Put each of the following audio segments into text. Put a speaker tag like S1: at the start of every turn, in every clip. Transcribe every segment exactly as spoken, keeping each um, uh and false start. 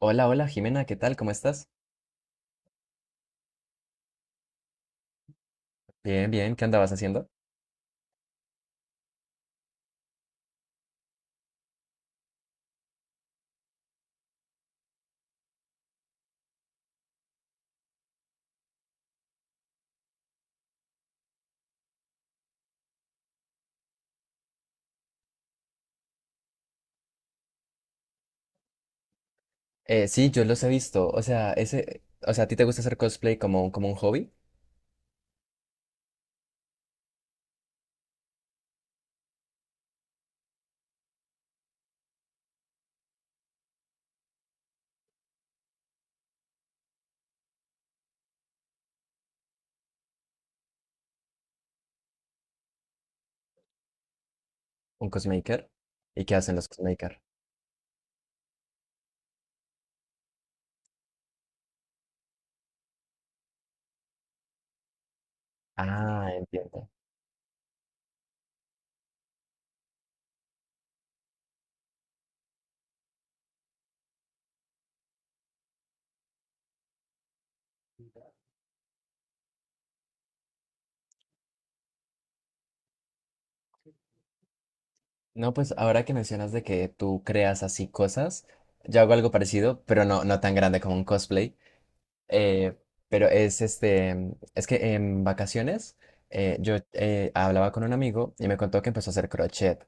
S1: Hola, hola Jimena, ¿qué tal? ¿Cómo estás? Bien, bien, ¿qué andabas haciendo? Eh, sí, yo los he visto. O sea, ese, o sea, ¿a ti te gusta hacer cosplay como, como un hobby? ¿Un cosmaker? ¿Y qué hacen los cosmaker? Ah, entiendo. No, pues ahora que mencionas de que tú creas así cosas, yo hago algo parecido, pero no, no tan grande como un cosplay. Eh, pero es este, mm, es que en vacaciones eh, yo eh, hablaba con un amigo y me contó que empezó a hacer crochet.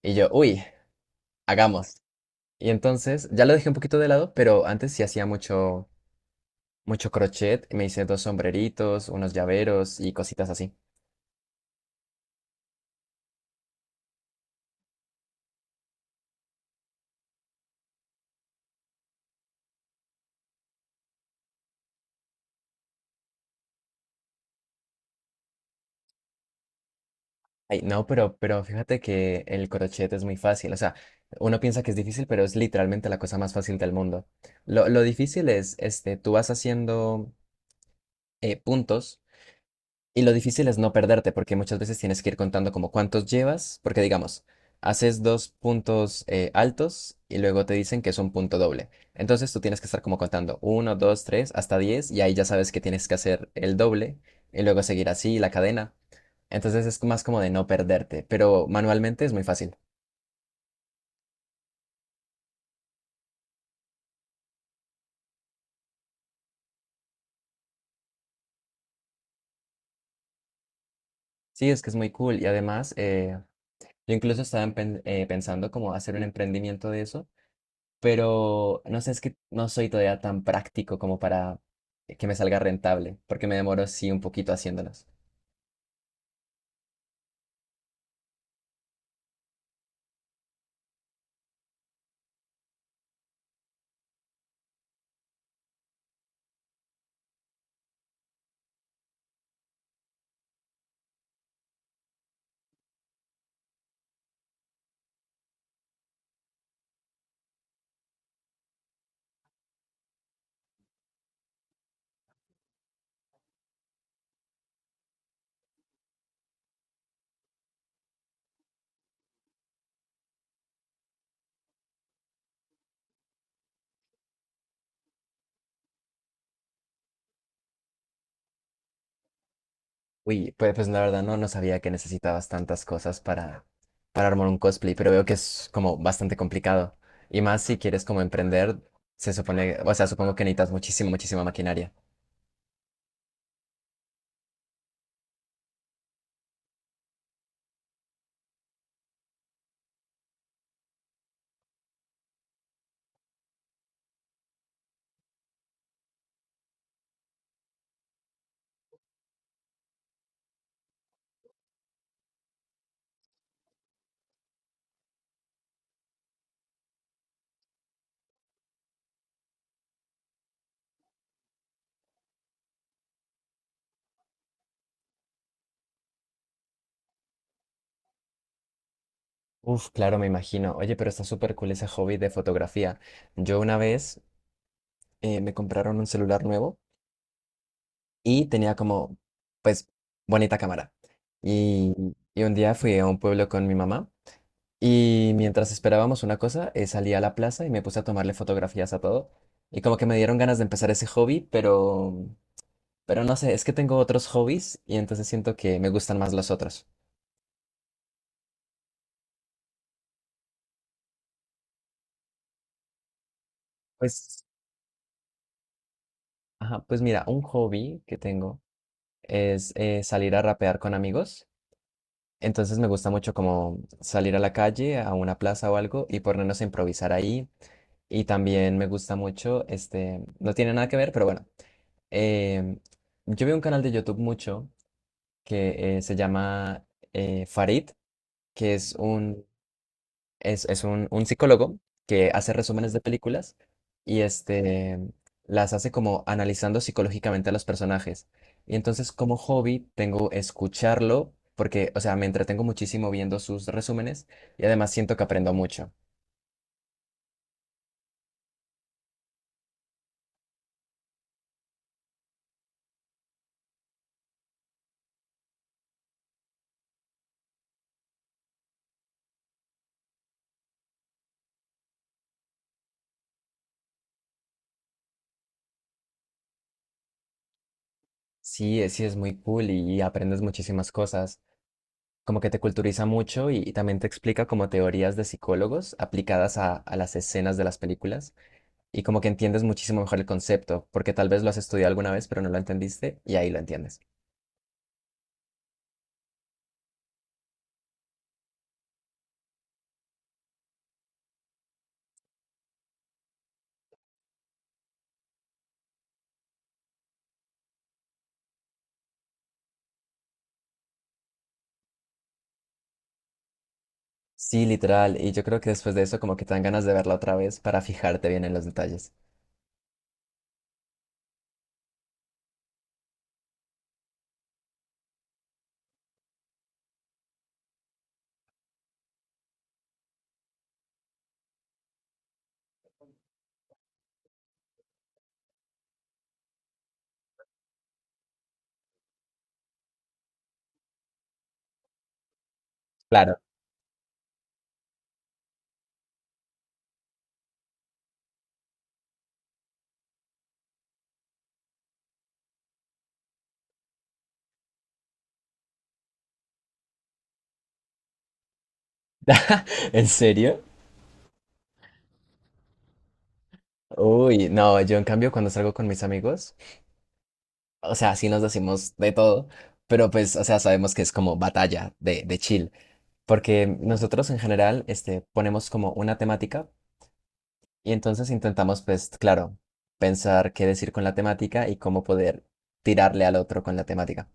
S1: Y yo, uy, hagamos. Y entonces, ya lo dejé un poquito de lado, pero antes sí hacía mucho, mucho crochet. Me hice dos sombreritos, unos llaveros y cositas así. Ay, no, pero, pero fíjate que el crochet es muy fácil. O sea, uno piensa que es difícil, pero es literalmente la cosa más fácil del mundo. Lo, lo difícil es, este, tú vas haciendo eh, puntos. Y lo difícil es no perderte, porque muchas veces tienes que ir contando como cuántos llevas, porque digamos, haces dos puntos eh, altos y luego te dicen que es un punto doble. Entonces tú tienes que estar como contando uno, dos, tres, hasta diez, y ahí ya sabes que tienes que hacer el doble y luego seguir así la cadena. Entonces es más como de no perderte, pero manualmente es muy fácil. Sí, es que es muy cool y además eh, yo incluso estaba empen- eh, pensando como hacer un emprendimiento de eso, pero no sé, es que no soy todavía tan práctico como para que me salga rentable, porque me demoro sí un poquito haciéndolos. Uy, pues, pues la verdad no, no sabía que necesitabas tantas cosas para, para armar un cosplay, pero veo que es como bastante complicado. Y más si quieres como emprender, se supone, o sea, supongo que necesitas muchísima, muchísima maquinaria. Uf, claro, me imagino. Oye, pero está súper cool ese hobby de fotografía. Yo una vez eh, me compraron un celular nuevo y tenía como, pues, bonita cámara. Y, y un día fui a un pueblo con mi mamá y mientras esperábamos una cosa, eh, salí a la plaza y me puse a tomarle fotografías a todo. Y como que me dieron ganas de empezar ese hobby, pero, pero no sé, es que tengo otros hobbies y entonces siento que me gustan más los otros. Pues, ajá, pues mira, un hobby que tengo es eh, salir a rapear con amigos. Entonces me gusta mucho como salir a la calle, a una plaza o algo y ponernos a improvisar ahí. Y también me gusta mucho, este, no tiene nada que ver, pero bueno. em, yo veo un canal de YouTube mucho que eh, se llama eh, Farid, que es un, es, es un, un psicólogo que hace resúmenes de películas y este, las hace como analizando psicológicamente a los personajes. Y entonces como hobby tengo escucharlo porque, o sea, me entretengo muchísimo viendo sus resúmenes y además siento que aprendo mucho. Sí, eh, sí es muy cool y aprendes muchísimas cosas. Como que te culturiza mucho y, y también te explica como teorías de psicólogos aplicadas a, a las escenas de las películas y como que entiendes muchísimo mejor el concepto, porque tal vez lo has estudiado alguna vez pero no lo entendiste y ahí lo entiendes. Sí, literal, y yo creo que después de eso como que te dan ganas de verla otra vez para fijarte bien en los detalles. Claro. ¿En serio? Uy, no, yo en cambio cuando salgo con mis amigos, o sea, sí nos decimos de todo, pero pues, o sea, sabemos que es como batalla de, de chill. Porque nosotros en general este, ponemos como una temática y entonces intentamos, pues, claro, pensar qué decir con la temática y cómo poder tirarle al otro con la temática.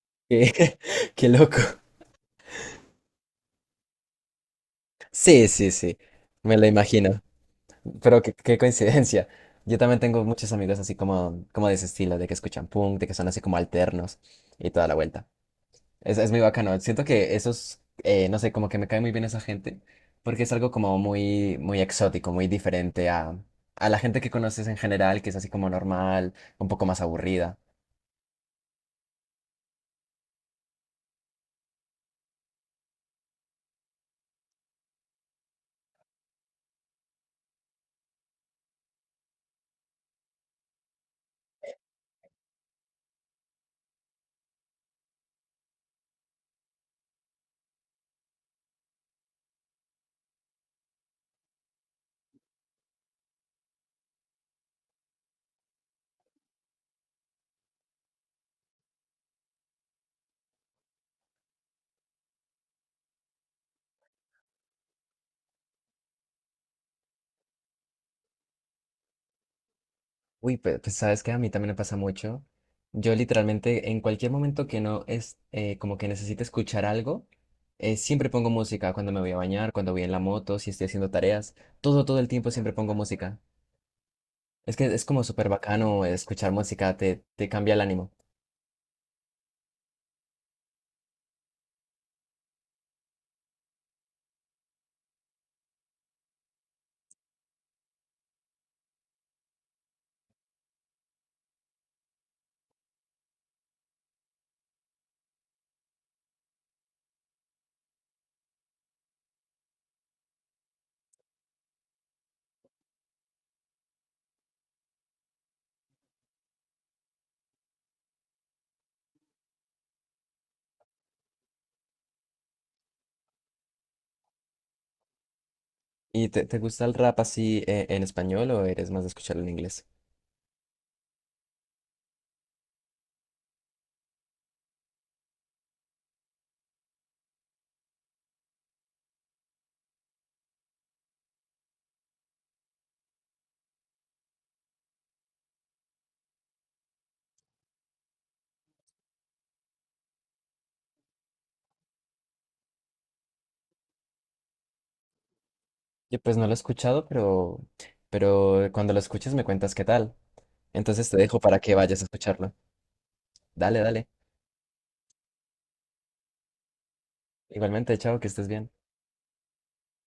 S1: Qué, qué loco. Sí, sí, sí, me lo imagino, pero qué, qué coincidencia. Yo también tengo muchos amigos así como, como de ese estilo, de que escuchan punk, de que son así como alternos y toda la vuelta. Es, es muy bacano. Siento que esos, eh, no sé, como que me cae muy bien esa gente, porque es algo como muy, muy exótico, muy diferente a, a la gente que conoces en general, que es así como normal, un poco más aburrida. Uy, pe- pues, sabes que a mí también me pasa mucho. Yo literalmente en cualquier momento que no es eh, como que necesite escuchar algo, eh, siempre pongo música cuando me voy a bañar, cuando voy en la moto, si estoy haciendo tareas, todo, todo el tiempo siempre pongo música. Es que es como súper bacano escuchar música, te, te cambia el ánimo. ¿Y te, te gusta el rap así eh, en español o eres más de escucharlo en inglés? Yo pues no lo he escuchado, pero, pero cuando lo escuches me cuentas qué tal. Entonces te dejo para que vayas a escucharlo. Dale, dale. Igualmente, chao, que estés bien.